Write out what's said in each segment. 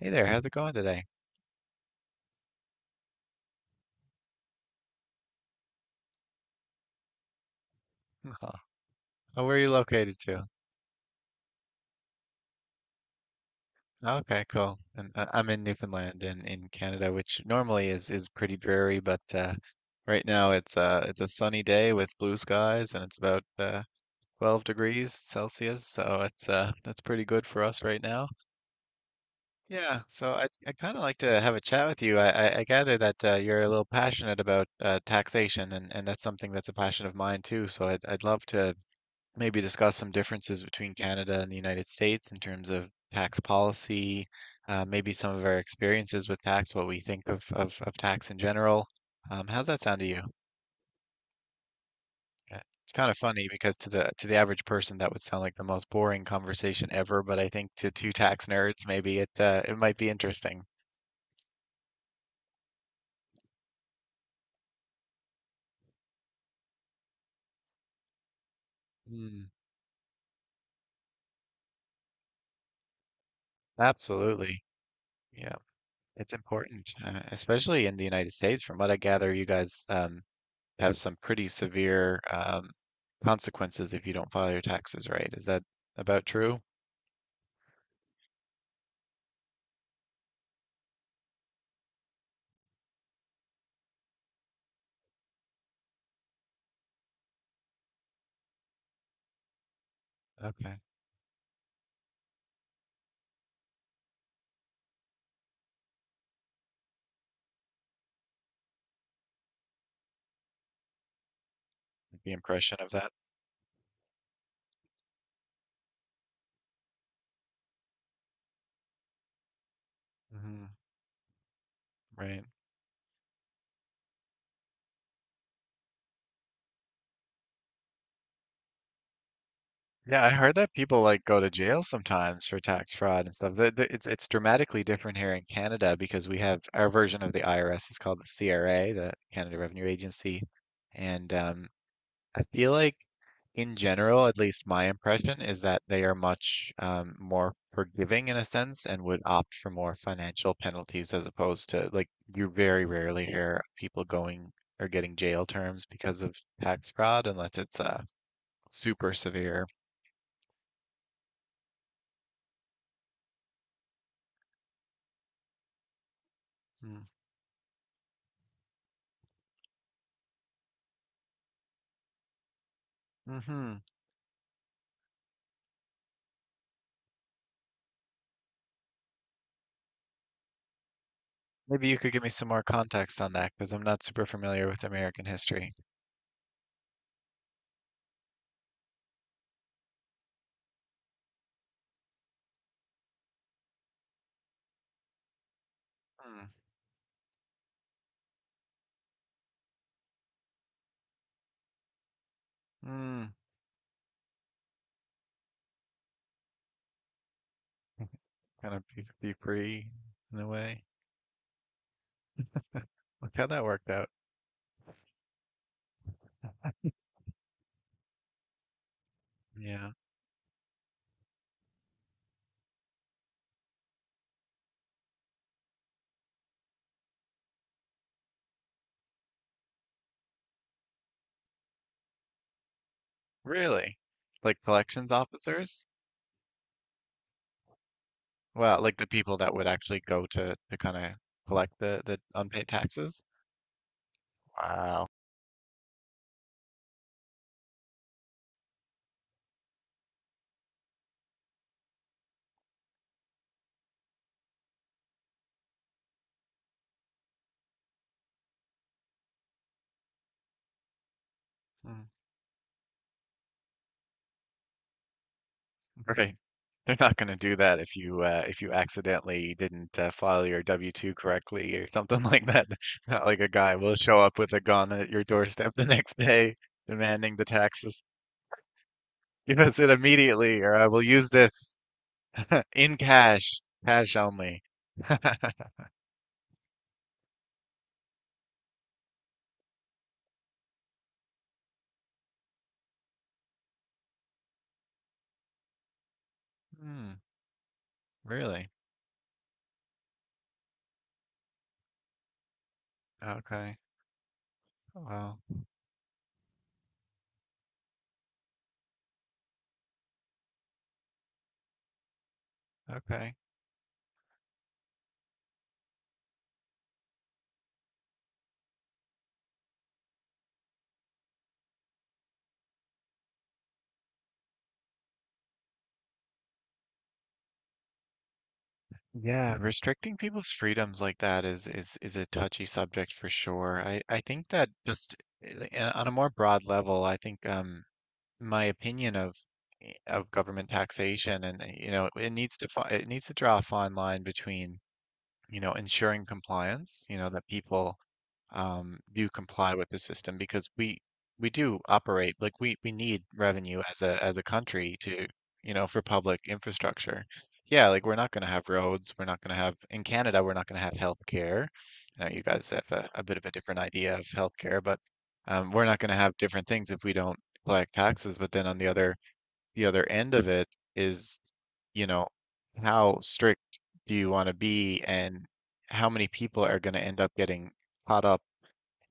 Hey there, how's it going today? Oh, oh, where are you located to? Okay, cool. And I'm in Newfoundland in Canada, which normally is pretty dreary, but right now it's a sunny day with blue skies and it's about 12 degrees Celsius, so it's that's pretty good for us right now. Yeah, so I kind of like to have a chat with you. I gather that you're a little passionate about taxation, and that's something that's a passion of mine too. So I'd love to maybe discuss some differences between Canada and the United States in terms of tax policy, maybe some of our experiences with tax, what we think of tax in general. How's that sound to you? Uh, It's kind of funny because to the average person that would sound like the most boring conversation ever, but I think to two tax nerds maybe it might be interesting. Mm, absolutely. Yeah, it's important, especially in the United States. From what I gather, you guys have some pretty severe consequences if you don't file your taxes right. Is that about true? Okay, the impression of that. Hmm. Right. Yeah, I heard that people like go to jail sometimes for tax fraud and stuff. It's dramatically different here in Canada because we have our version of the IRS is called the CRA, the Canada Revenue Agency, and I feel like in general, at least my impression is that they are much more forgiving in a sense and would opt for more financial penalties as opposed to like you very rarely hear people going or getting jail terms because of tax fraud unless it's super severe. Mm. Mm-hmm. Maybe you could give me some more context on that because I'm not super familiar with American history. Mm. Mm. Kind of be free in a way. Look how that worked out. Yeah. Really? Like collections officers? Well, like the people that would actually go to kind of collect the unpaid taxes. Wow. Mm. Right. They're not going to do that if you accidentally didn't file your W-2 correctly or something like that. Not like a guy will show up with a gun at your doorstep the next day demanding the taxes. Give us it immediately, or I will use this in cash, cash only. Hmm, really? Okay. Well, okay. Yeah, restricting people's freedoms like that is a touchy subject for sure. I think that just on a more broad level, I think my opinion of of government taxation and you know it needs to it needs to draw a fine line between you know, ensuring compliance, you know, that people do comply with the system because we do operate like we need revenue as a country to you know for public infrastructure. Yeah, like we're not going to have roads, we're not going to have in Canada, we're not going to have healthcare. I know you guys have a bit of a different idea of healthcare, but we're not going to have different things if we don't collect taxes. But then on the other end of it is you know, how strict do you want to be and how many people are going to end up getting caught up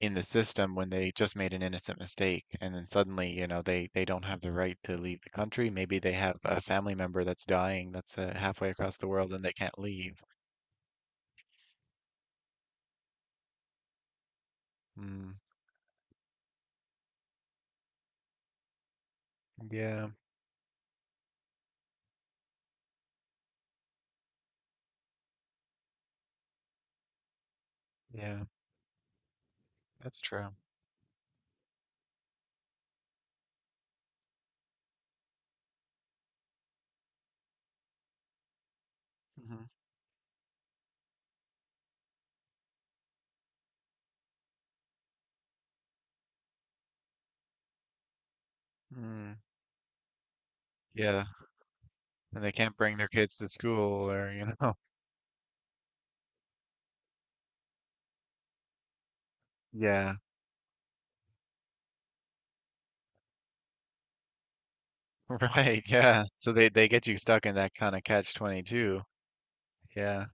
in the system when they just made an innocent mistake and then suddenly, you know, they don't have the right to leave the country. Maybe they have a family member that's dying that's halfway across the world and they can't leave. Mm, yeah, yeah, that's true. Hmm. Mm, yeah, and they can't bring their kids to school or, you know. Yeah, right, yeah. So they get you stuck in that kind of catch 22. Yeah.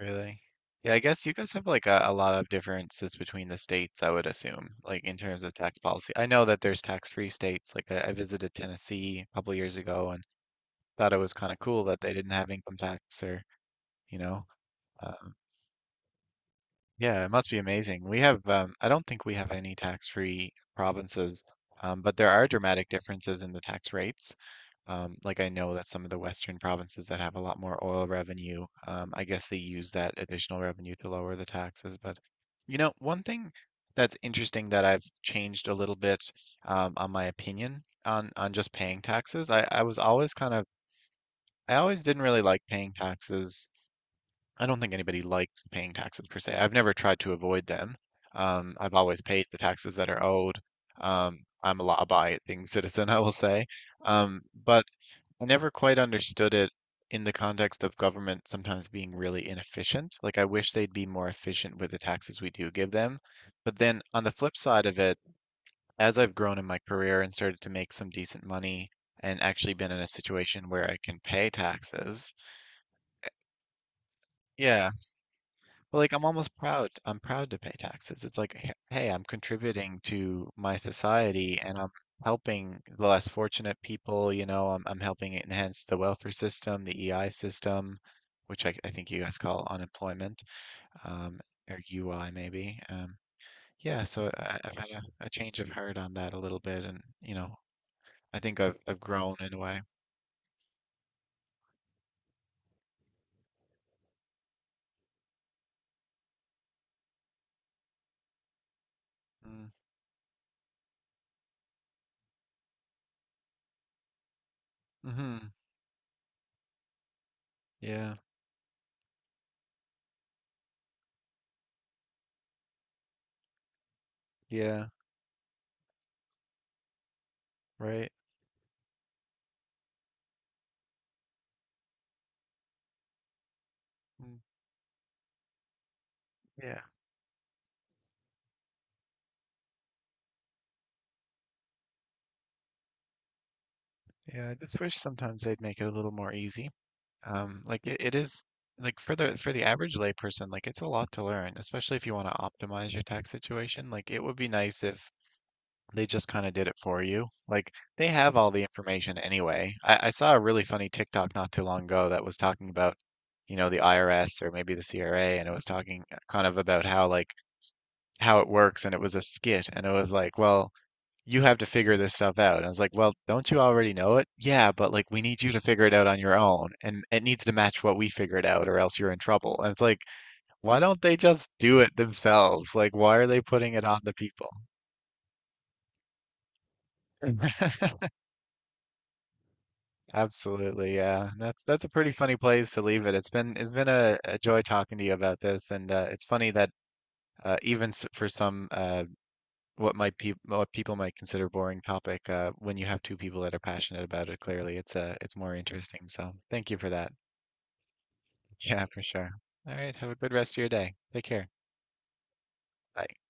Really? Yeah, I guess you guys have like a lot of differences between the states, I would assume, like in terms of tax policy. I know that there's tax-free states. Like I visited Tennessee a couple years ago and thought it was kind of cool that they didn't have income tax or, you know, um, yeah, it must be amazing. We have, I don't think we have any tax-free provinces, but there are dramatic differences in the tax rates. Like I know that some of the Western provinces that have a lot more oil revenue, I guess they use that additional revenue to lower the taxes. But you know, one thing that's interesting that I've changed a little bit on my opinion on just paying taxes. I was always kind of I always didn't really like paying taxes. I don't think anybody likes paying taxes per se. I've never tried to avoid them. I've always paid the taxes that are owed. I'm a law-abiding citizen, I will say. But I never quite understood it in the context of government sometimes being really inefficient. Like, I wish they'd be more efficient with the taxes we do give them. But then on the flip side of it, as I've grown in my career and started to make some decent money and actually been in a situation where I can pay taxes, yeah. Well, like I'm almost proud. I'm proud to pay taxes. It's like, hey, I'm contributing to my society and I'm helping the less fortunate people, you know, I'm helping enhance the welfare system, the EI system, which I think you guys call unemployment, um, or UI maybe. Yeah, so I've had a change of heart on that a little bit and, you know, I think I've grown in a way. Mm. Hmm. Yeah, yeah, right. Mm. Yeah. Yeah, I just wish sometimes they'd make it a little more easy. It is like for the average layperson, like it's a lot to learn, especially if you want to optimize your tax situation. Like it would be nice if they just kind of did it for you. Like they have all the information anyway. I saw a really funny TikTok not too long ago that was talking about, you know, the IRS or maybe the CRA, and it was talking kind of about how like how it works, and it was a skit, and it was like, well you have to figure this stuff out. And I was like, well, don't you already know it? Yeah, but like we need you to figure it out on your own and it needs to match what we figured out or else you're in trouble. And it's like, why don't they just do it themselves? Like why are they putting it on the people? Absolutely, yeah. That's a pretty funny place to leave it. It's been a joy talking to you about this, and it's funny that even for some what might pe what people might consider boring topic, when you have two people that are passionate about it, clearly it's more interesting. So thank you for that. Yeah, for sure. All right. Have a good rest of your day. Take care. Bye.